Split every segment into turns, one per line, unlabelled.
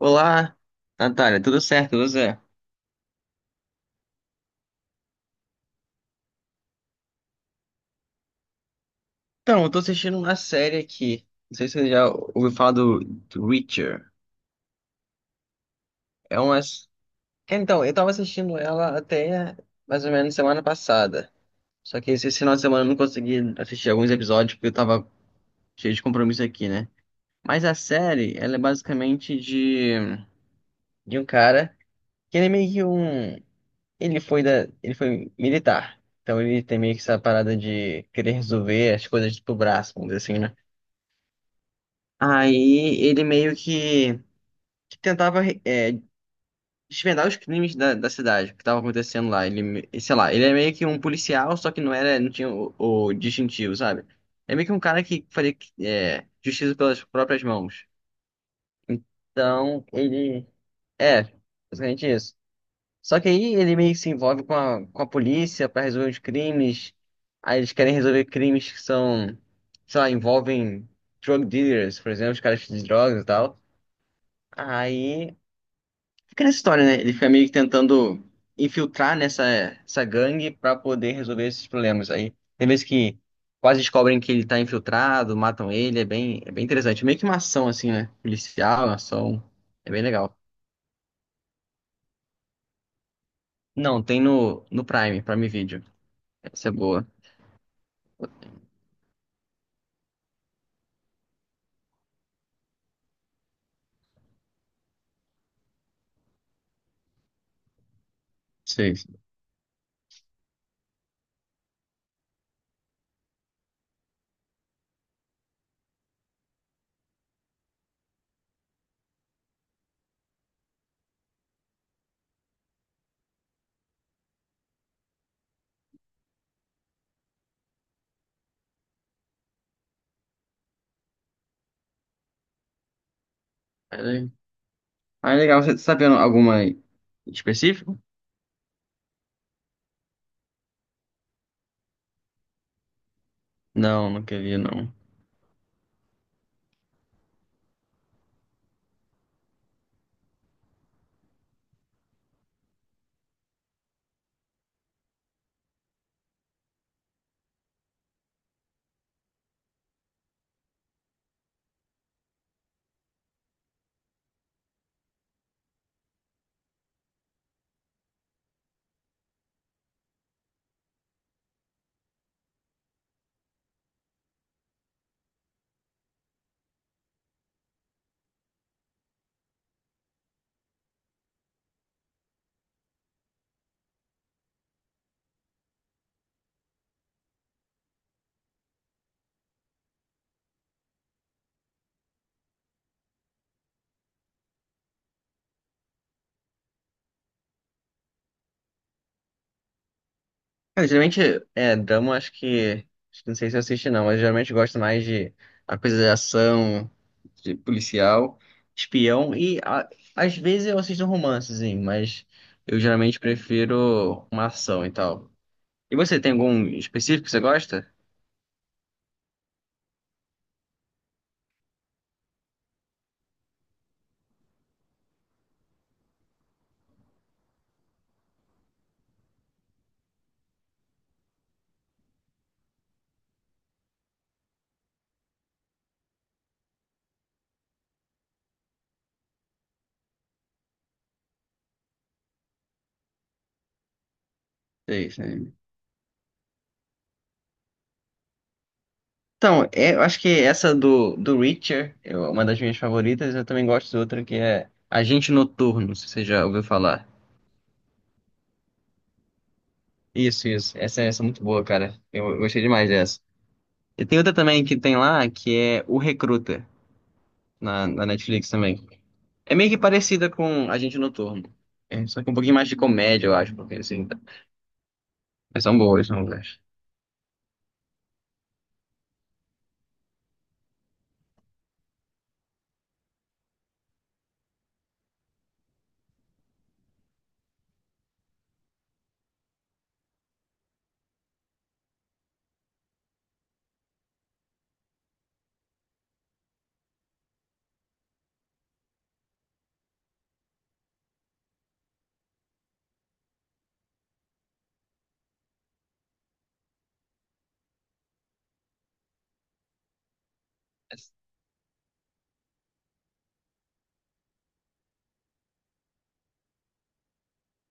Olá, Natália, tudo certo, tudo certo? Então, eu tô assistindo uma série aqui. Não sei se você já ouviu falar do Reacher. É umas. Então, eu tava assistindo ela até mais ou menos semana passada. Só que esse final de semana eu não consegui assistir alguns episódios porque eu tava cheio de compromisso aqui, né? Mas a série, ela é basicamente de um cara que ele é meio que um. Ele foi da. Ele foi militar. Então ele tem meio que essa parada de querer resolver as coisas pro braço, vamos dizer assim, né? Aí ele meio que tentava desvendar os crimes da cidade, o que estava acontecendo lá. Ele, sei lá, ele é meio que um policial, só que não era, não tinha o distintivo, sabe? É meio que um cara que fazia justiça pelas próprias mãos. Então, ele. É, basicamente isso. Só que aí ele meio que se envolve com com a polícia para resolver os crimes. Aí eles querem resolver crimes que são, sei lá, envolvem drug dealers, por exemplo, os caras de drogas e tal. Aí. Fica nessa história, né? Ele fica meio que tentando infiltrar nessa essa gangue pra poder resolver esses problemas. Aí tem vezes que quase descobrem que ele tá infiltrado, matam ele, é bem interessante. Meio que uma ação, assim, né? Policial, uma ação. É bem legal. Não, tem no Prime, Prime Video. Essa é boa. Sei. Ah, é legal. Você tá vendo alguma específica? Não, nunca vi, não. Cara, geralmente, drama acho que não sei se eu assisto não, mas geralmente eu gosto mais de a coisa de ação, de policial, espião e às vezes eu assisto um romancezinho, mas eu geralmente prefiro uma ação e tal. E você, tem algum específico que você gosta? É isso, né? Então, é, eu acho que essa do Reacher é uma das minhas favoritas, eu também gosto de outra que é Agente Noturno, se você já ouviu falar. Isso, isso. Essa é muito boa, cara. Eu gostei demais dessa. E tem outra também que tem lá, que é O Recruta, na Netflix também. É meio que parecida com Agente Noturno. É, só que um pouquinho mais de comédia, eu acho, porque assim, tá- mas são boas, são boas.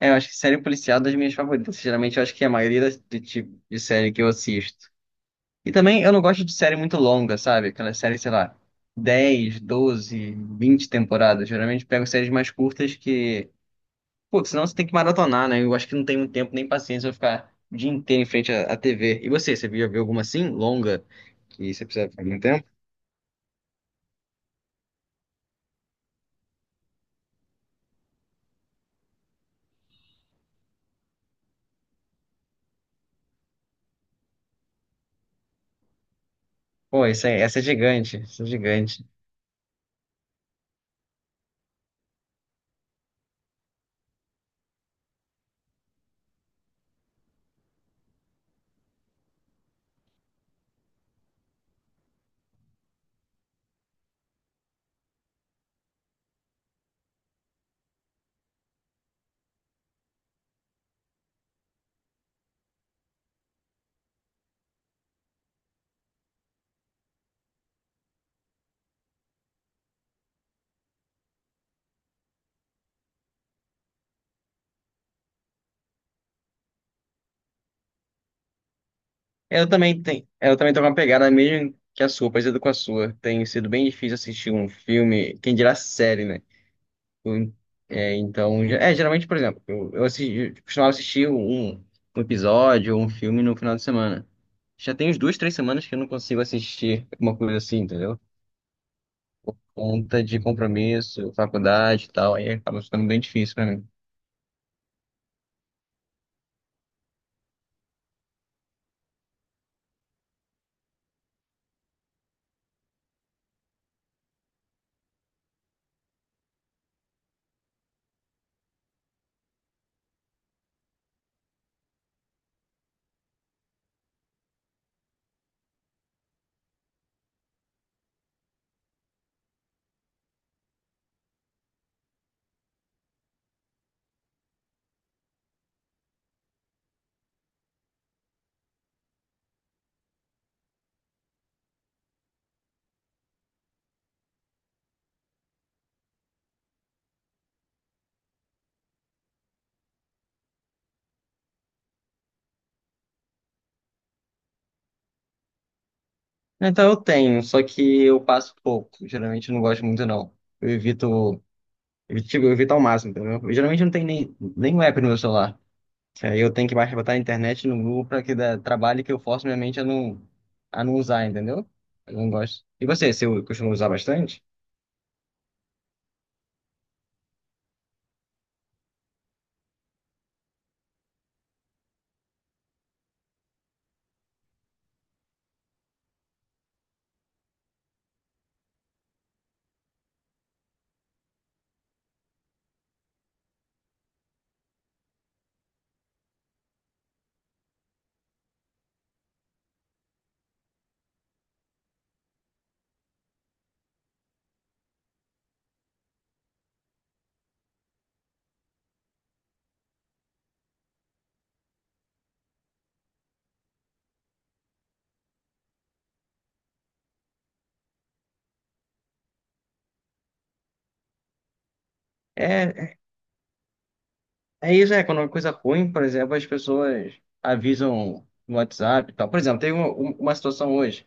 É, eu acho que série policial é das minhas favoritas. Geralmente eu acho que é a maioria do tipo de série que eu assisto. E também eu não gosto de série muito longa, sabe? Aquela série, sei lá, 10, 12, 20 temporadas. Geralmente eu pego séries mais curtas que Pô, senão você tem que maratonar, né? Eu acho que não tem muito tempo nem paciência pra ficar o dia inteiro em frente à TV. E você, você já viu alguma assim, longa, que você precisa ficar muito tempo? Pô, isso é, essa é gigante, essa é gigante. Eu também tô com uma pegada mesmo que a sua, parecida com a sua. Tem sido bem difícil assistir um filme, quem dirá série, né? Eu- é, então, é, geralmente, por exemplo, assisti, eu costumava assistir um episódio ou um filme no final de semana. Já tem uns duas, três semanas que eu não consigo assistir uma coisa assim, entendeu? Conta de compromisso, faculdade e tal, aí acaba ficando bem difícil pra mim. Então eu tenho, só que eu passo pouco. Geralmente eu não gosto muito, não. Eu evito, eu, tipo, eu evito ao máximo, entendeu? Eu geralmente não tenho nem, nem um app no meu celular. Aí eu tenho que mais botar a internet no Google pra que dá trabalho que eu forço minha mente a não usar, entendeu? Eu não gosto. E você, você costuma usar bastante? É, é isso, é. Quando é uma coisa ruim, por exemplo, as pessoas avisam no WhatsApp e tal. Por exemplo, teve uma situação hoje.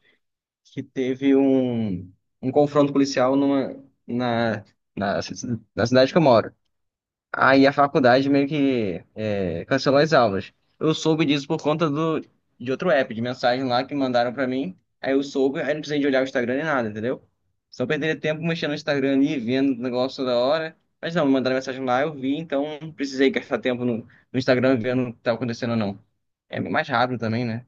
Que teve um confronto policial numa, na, na, ci- na cidade que eu moro. Aí a faculdade meio que cancelou as aulas. Eu soube disso por conta de outro app, de mensagem lá que mandaram pra mim. Aí eu soube, aí não precisei de olhar o Instagram nem nada, entendeu? Só perderia tempo mexendo no Instagram ali, vendo o negócio toda hora. Mas não, me mandaram mensagem lá, eu vi, então não precisei gastar tempo no Instagram vendo o que tá acontecendo ou não. É mais rápido também, né?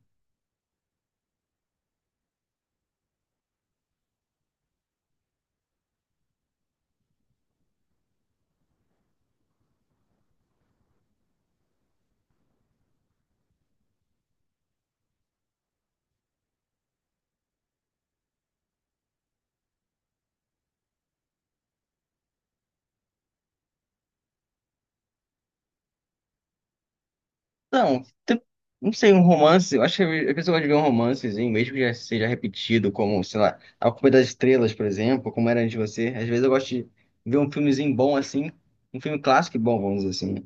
Não, não sei, um romance. Eu acho que a pessoa gosta de ver um romancezinho, mesmo que já seja repetido, como, sei lá, A Culpa é das Estrelas, por exemplo, como era antes de você. Às vezes eu gosto de ver um filmezinho bom assim, um filme clássico e bom, vamos dizer assim. Né?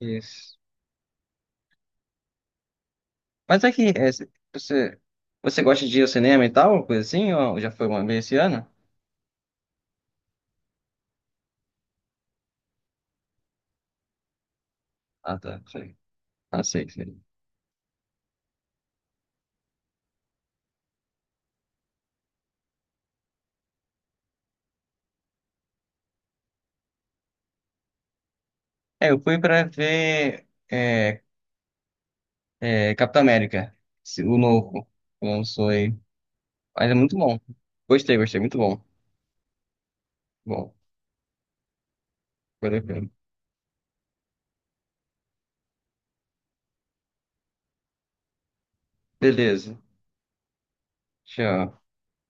Isso. Mas é que é, você, você gosta de ir ao cinema e tal, coisa assim, ou já foi uma vez esse ano? Ah, tá, sei. Ah, sei, sei. É, eu fui pra ver Capitão América, o novo, que lançou aí. Mas é muito bom. Gostei, gostei, muito bom. Bom. Bacana. Beleza. Tchau.